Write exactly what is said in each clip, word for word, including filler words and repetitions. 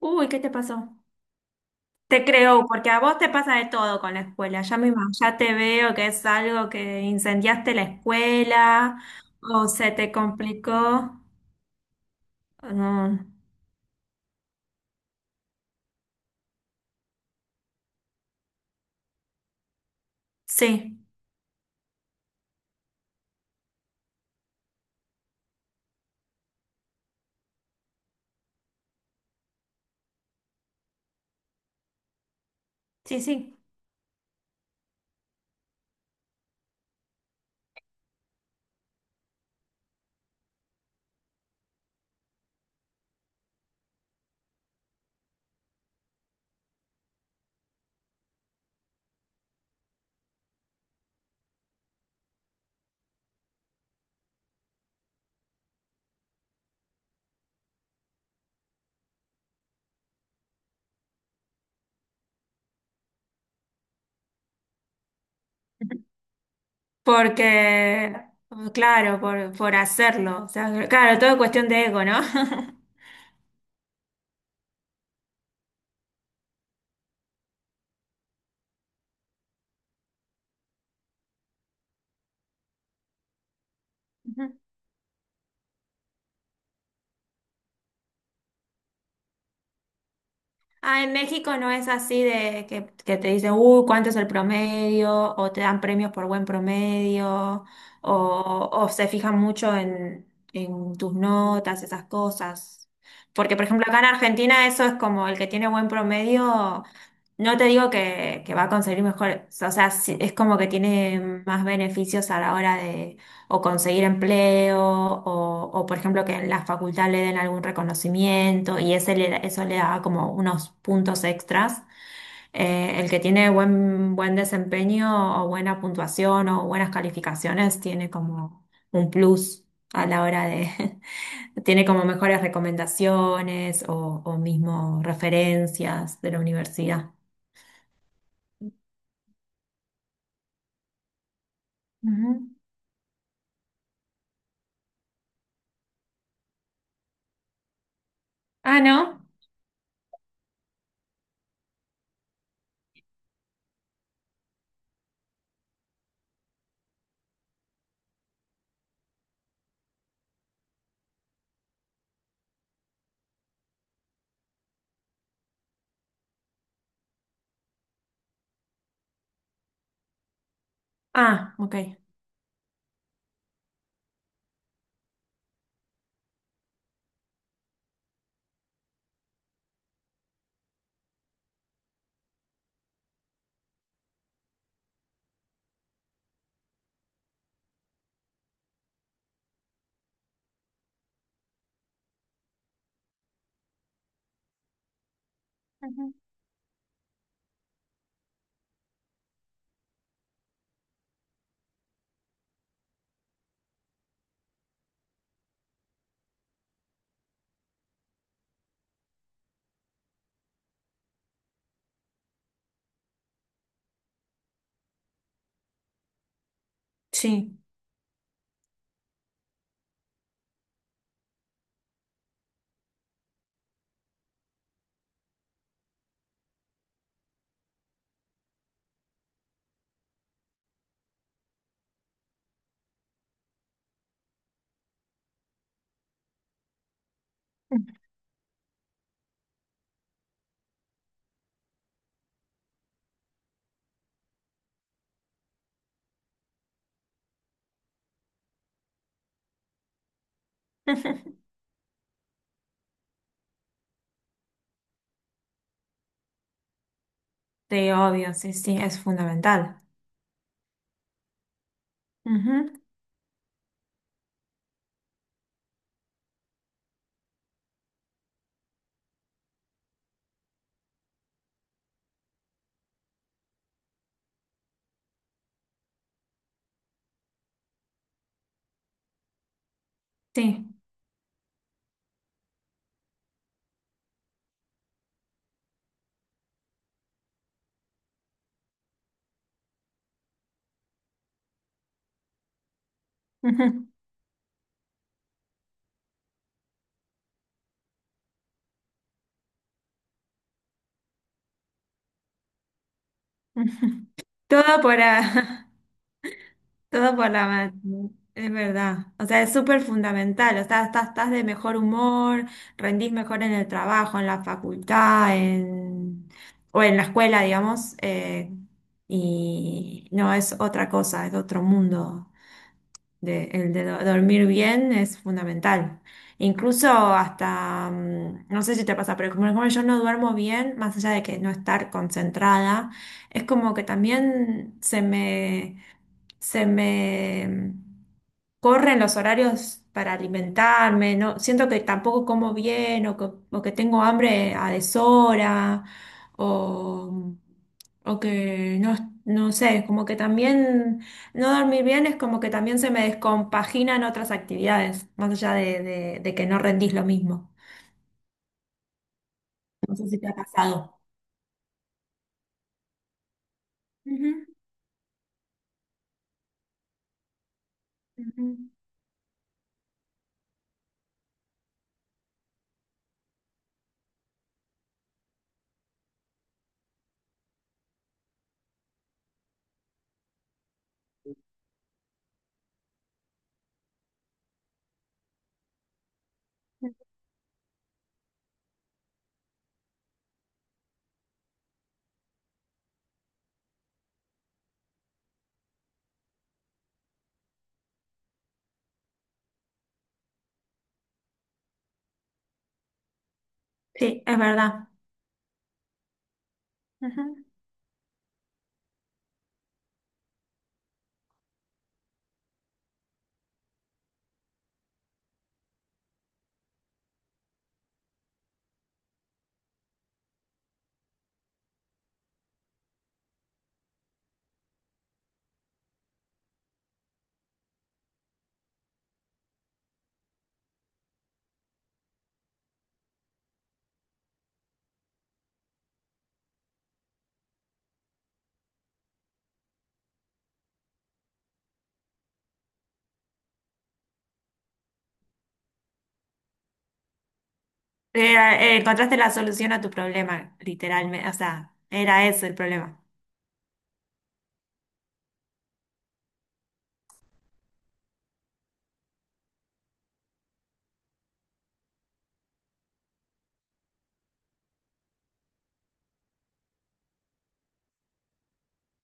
Uy, ¿qué te pasó? Te creo, porque a vos te pasa de todo con la escuela. Ya me, ima- ya te veo que es algo que incendiaste la escuela o se te complicó. No, sí, sí, sí. Porque, claro, por, por hacerlo. O sea, claro, todo es cuestión de ego, ¿no? Ah, en México no es así de que, que te dicen, uy, ¿cuánto es el promedio? O te dan premios por buen promedio, o, o se fijan mucho en, en tus notas, esas cosas. Porque, por ejemplo, acá en Argentina eso es como el que tiene buen promedio, no te digo que, que va a conseguir mejor, o sea, sí, es como que tiene más beneficios a la hora de o conseguir empleo, o, o, por ejemplo que en la facultad le den algún reconocimiento y ese le da- eso le da como unos puntos extras. Eh, el que tiene buen, buen desempeño o buena puntuación o buenas calificaciones tiene como un plus a la hora de, tiene como mejores recomendaciones o, o mismo referencias de la universidad. Ujú. ¿Ah, no? Ah, ok. Ujú. Sí. Sí, obvio, sí, sí, es fundamental. Ujú, sí. Ujú, ujú. Todo por la, todo por la, ma- es verdad. O sea, es súper fundamental. O sea, estás, estás de mejor humor, rendís mejor en el trabajo, en la facultad, en, o en la escuela, digamos. Eh, y no es otra cosa, es otro mundo. De- el de do- dormir bien es fundamental. Incluso hasta, mm, no sé si te pasa, pero como, como yo no duermo bien, más allá de que no estar concentrada, es como que también se me, se me mm, corren los horarios para alimentarme, no, siento que tampoco como bien o que, o que tengo hambre a deshora o, o que no, no sé, como que también... No dormir bien es como que también se me descompaginan otras actividades, más allá de, de- de que no rendís lo mismo. No sé si te ha pasado. Ujú, ujú. Sí, es verdad. Ujú. Era- eh, encontraste la solución a tu problema, literalmente. O sea, era ese el problema.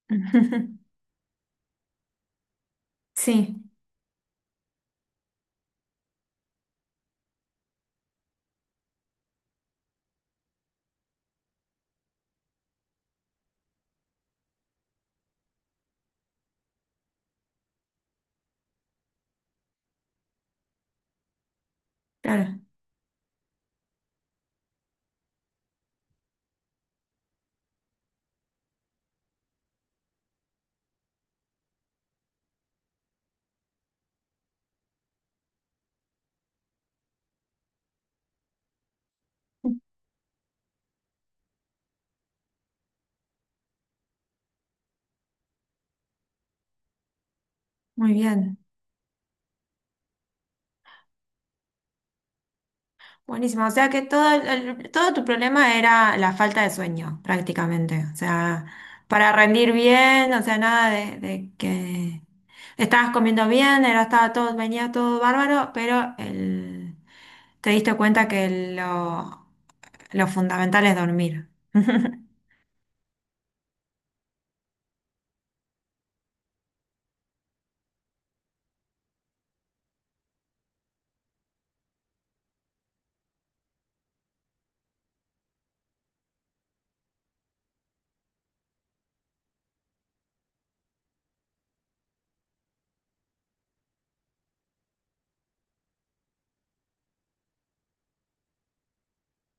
Sí, claro. Muy bien. Buenísimo, o sea que todo, el- todo tu problema era la falta de sueño, prácticamente. O sea, para rendir bien, o sea, nada de, de que estabas comiendo bien, era, estaba todo, venía todo bárbaro, pero el, te diste cuenta que lo, lo fundamental es dormir.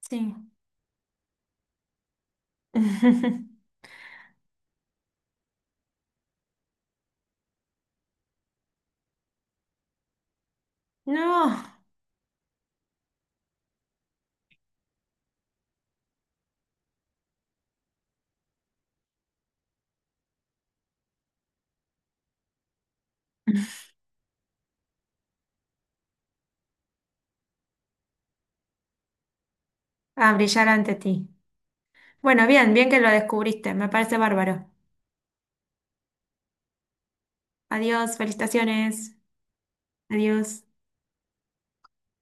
Sí. No, a brillar ante ti. Bueno, bien, bien que lo descubriste, me parece bárbaro. Adiós, felicitaciones. Adiós.